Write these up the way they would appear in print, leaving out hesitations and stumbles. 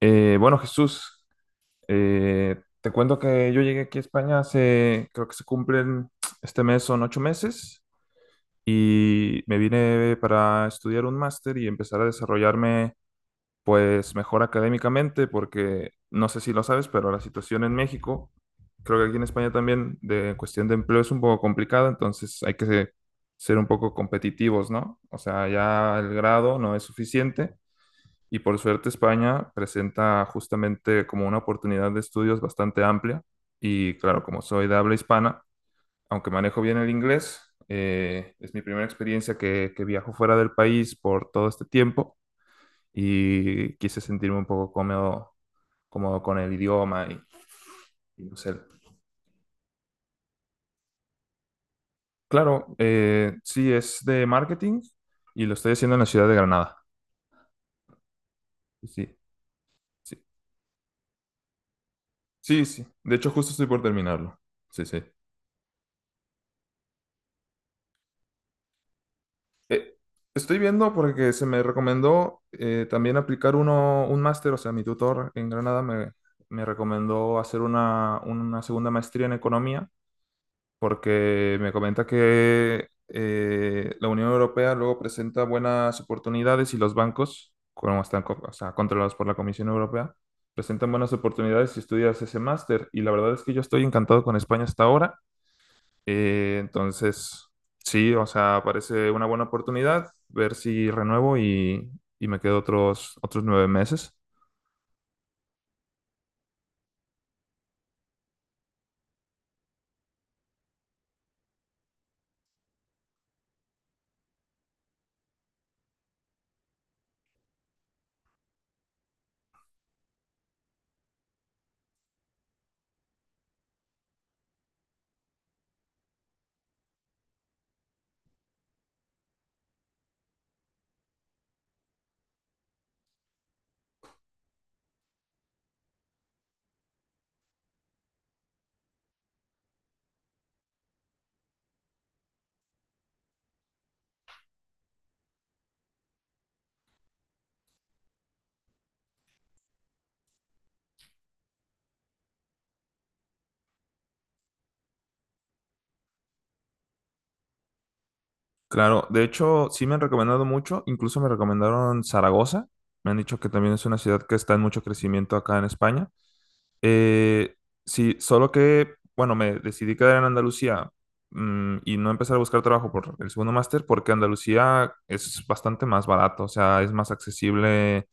Bueno, Jesús, te cuento que yo llegué aquí a España hace, creo que se cumplen este mes, son ocho meses, y me vine para estudiar un máster y empezar a desarrollarme pues mejor académicamente, porque no sé si lo sabes, pero la situación en México, creo que aquí en España también, de cuestión de empleo es un poco complicada, entonces hay que ser un poco competitivos, ¿no? O sea, ya el grado no es suficiente y por suerte España presenta justamente como una oportunidad de estudios bastante amplia. Y claro, como soy de habla hispana, aunque manejo bien el inglés, es mi primera experiencia que viajo fuera del país por todo este tiempo y quise sentirme un poco cómodo, cómodo con el idioma y no sé. Claro, sí, es de marketing y lo estoy haciendo en la ciudad de Granada. Sí, sí, sí. De hecho, justo estoy por terminarlo. Sí, sí. Eh, estoy viendo porque se me recomendó también aplicar un máster. O sea, mi tutor en Granada me recomendó hacer una segunda maestría en economía, porque me comenta que la Unión Europea luego presenta buenas oportunidades y los bancos, como están o sea, controlados por la Comisión Europea, presentan buenas oportunidades si estudias ese máster. Y la verdad es que yo estoy encantado con España hasta ahora. Entonces sí, o sea, parece una buena oportunidad ver si renuevo y me quedo otros nueve meses. Claro, de hecho, sí me han recomendado mucho, incluso me recomendaron Zaragoza, me han dicho que también es una ciudad que está en mucho crecimiento acá en España. Eh, sí, solo que, bueno, me decidí quedar en Andalucía y no empezar a buscar trabajo por el segundo máster, porque Andalucía es bastante más barato, o sea, es más accesible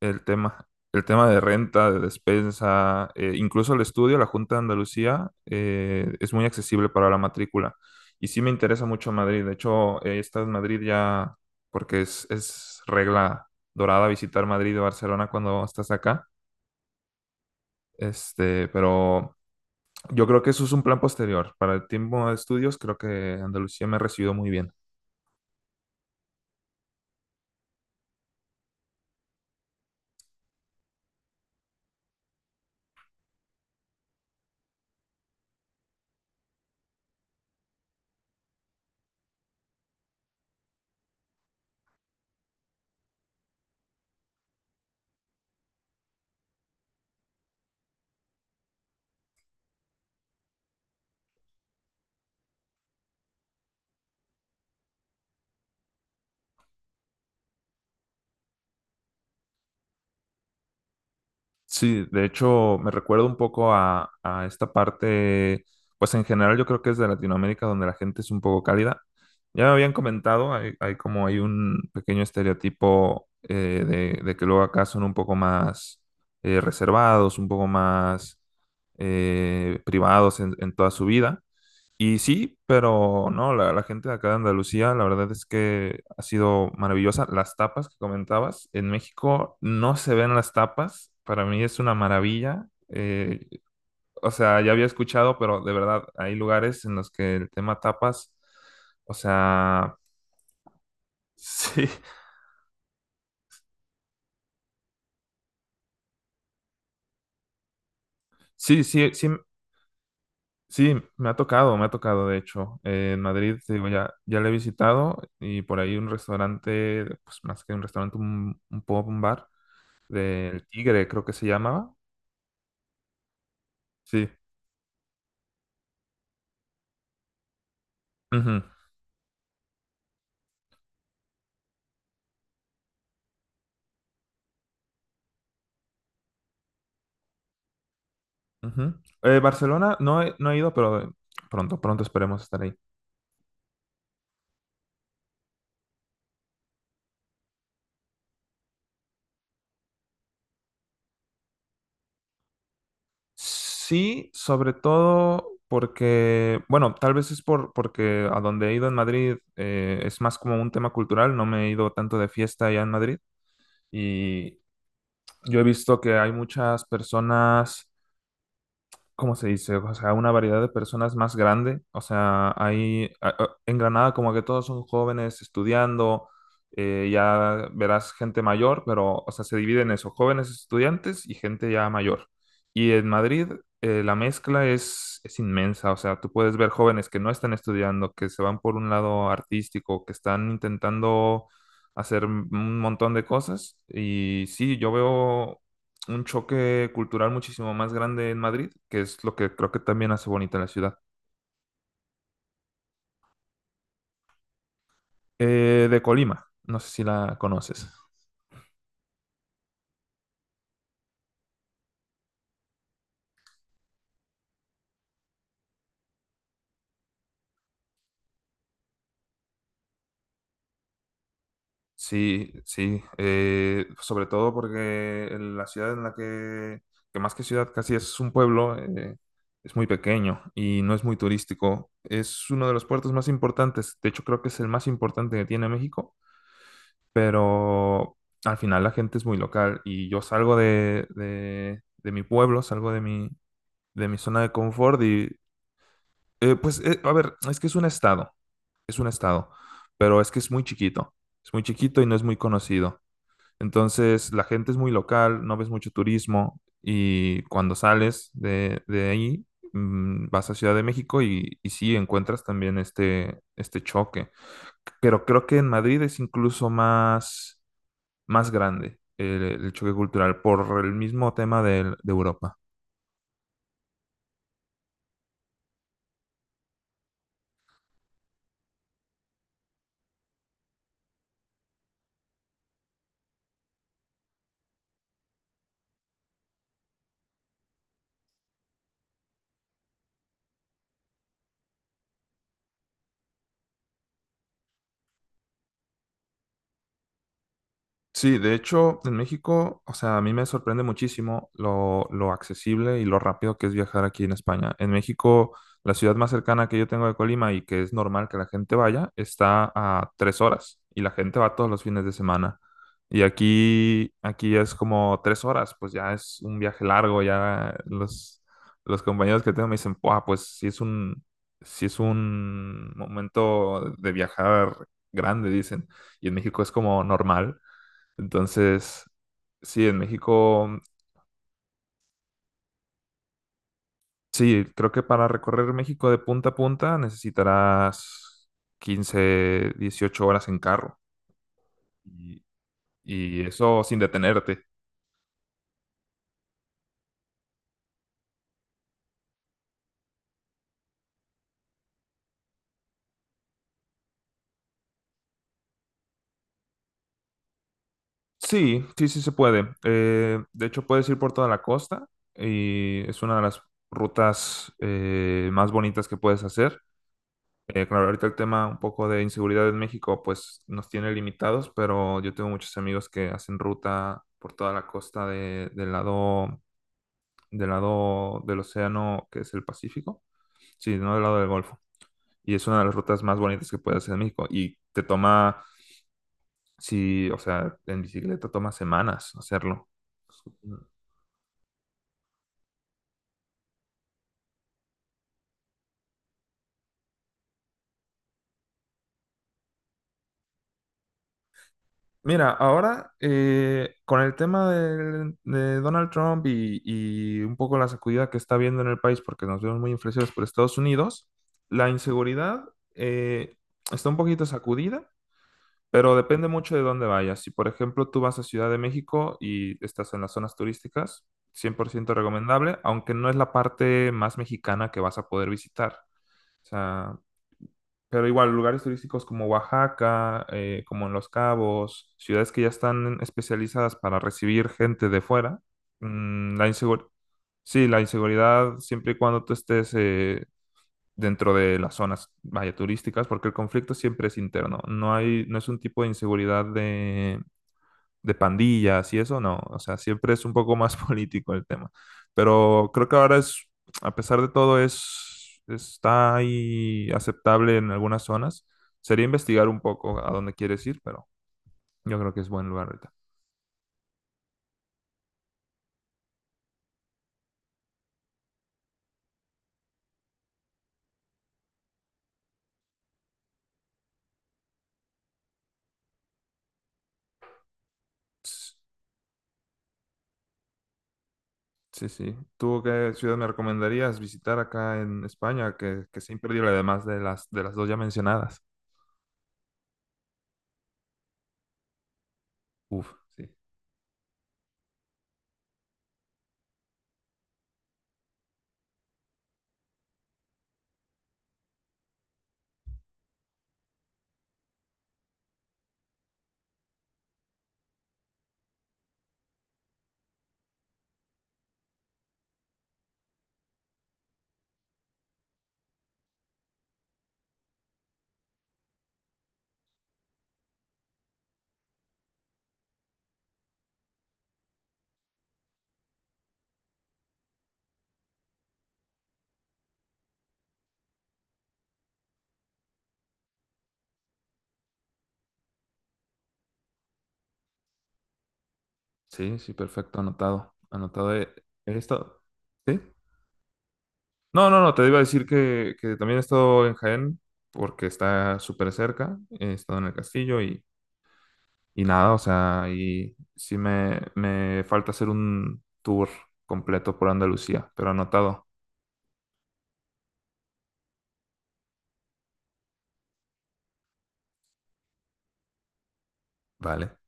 el tema, el tema de renta, de despensa, incluso el estudio, la Junta de Andalucía, es muy accesible para la matrícula. Y sí me interesa mucho Madrid. De hecho, he estado en Madrid ya, porque es regla dorada visitar Madrid y Barcelona cuando estás acá. Este, pero yo creo que eso es un plan posterior. Para el tiempo de estudios, creo que Andalucía me recibió muy bien. Sí, de hecho me recuerda un poco a esta parte, pues en general yo creo que es de Latinoamérica, donde la gente es un poco cálida. Ya me habían comentado, hay un pequeño estereotipo de que luego acá son un poco más reservados, un poco más privados en toda su vida, y sí, pero no, la gente de acá de Andalucía, la verdad es que ha sido maravillosa. Las tapas que comentabas, en México no se ven las tapas, para mí es una maravilla. O sea, ya había escuchado, pero de verdad, hay lugares en los que el tema tapas, o sea, sí, sí, sí, sí, sí, me ha tocado, de hecho. En Madrid, te digo, ya le he visitado y por ahí un restaurante, pues más que un restaurante, un pub, un bar del Tigre, creo que se llamaba. Sí. Ujú, ujú. Barcelona no he ido, pero pronto esperemos estar ahí. Sí, sobre todo porque, bueno, tal vez es porque a donde he ido en Madrid es más como un tema cultural, no me he ido tanto de fiesta allá en Madrid, y yo he visto que hay muchas personas. ¿Cómo se dice? O sea, una variedad de personas más grande. O sea, en Granada como que todos son jóvenes estudiando, ya verás gente mayor, pero, o sea, se dividen en eso, jóvenes estudiantes y gente ya mayor. Y en Madrid la mezcla es inmensa. O sea, tú puedes ver jóvenes que no están estudiando, que se van por un lado artístico, que están intentando hacer un montón de cosas. Y sí, yo veo un choque cultural muchísimo más grande en Madrid, que es lo que creo que también hace bonita la ciudad. De Colima, no sé si la conoces. Sí, sí, sobre todo porque en la ciudad en la que más que ciudad casi es un pueblo, es muy pequeño y no es muy turístico. Es uno de los puertos más importantes, de hecho creo que es el más importante que tiene México, pero al final la gente es muy local y yo salgo de mi pueblo, salgo de mi zona de confort y a ver, es que es un estado, es un estado, pero es que es muy chiquito, y no es muy conocido. Entonces, la gente es muy local, no ves mucho turismo y cuando sales de ahí, vas a Ciudad de México y sí encuentras también este choque. Pero creo que en Madrid es incluso más grande el choque cultural por el mismo tema de Europa. Sí, de hecho, en México, o sea, a mí me sorprende muchísimo lo accesible y lo rápido que es viajar aquí en España. En México, la ciudad más cercana que yo tengo de Colima y que es normal que la gente vaya, está a tres horas y la gente va todos los fines de semana. Aquí es como tres horas, pues ya es un viaje largo, ya los compañeros que tengo me dicen: "Buah, pues sí es un momento de viajar grande", dicen. Y en México es como normal. Entonces, sí, en México, sí, creo que para recorrer México de punta a punta necesitarás 15 18 horas en carro. Y, y eso sin detenerte. Sí, sí, sí se puede. De hecho, puedes ir por toda la costa y es una de las rutas más bonitas que puedes hacer. Claro, ahorita el tema un poco de inseguridad en México pues nos tiene limitados, pero yo tengo muchos amigos que hacen ruta por toda la costa del lado del océano, que es el Pacífico, sí, no del lado del Golfo. Y es una de las rutas más bonitas que puedes hacer en México. Y te toma, sí, o sea, en bicicleta toma semanas hacerlo. Mira, ahora con el tema de Donald Trump y un poco la sacudida que está viendo en el país, porque nos vemos muy influenciados por Estados Unidos, la inseguridad eh, está un poquito sacudida. Pero depende mucho de dónde vayas. Si, por ejemplo, tú vas a Ciudad de México y estás en las zonas turísticas, 100% recomendable, aunque no es la parte más mexicana que vas a poder visitar. O sea, pero igual, lugares turísticos como Oaxaca, como en Los Cabos, ciudades que ya están especializadas para recibir gente de fuera, mm, la insegur- sí, la inseguridad, siempre y cuando tú estés dentro de las zonas, vaya, turísticas, porque el conflicto siempre es interno. No hay, no es un tipo de inseguridad de pandillas y eso, no. O sea, siempre es un poco más político el tema. Pero creo que ahora a pesar de todo, está ahí aceptable en algunas zonas. Sería investigar un poco a dónde quieres ir, pero yo creo que es buen lugar ahorita. Ps, sí, sí. ¿Tú qué ciudad me recomendarías visitar acá en España? Que es imperdible, además de de las dos ya mencionadas. Uf, sí. Sí, sí, perfecto, anotado. Anotado. He estado. ¿Sí? No, no, no, te iba a decir que también he estado en Jaén, porque está súper cerca. He estado en el castillo y nada, o sea, y sí me falta hacer un tour completo por Andalucía, pero anotado. Vale.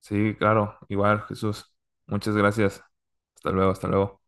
Sí, claro, igual, Jesús. Muchas gracias. Hasta luego, hasta luego.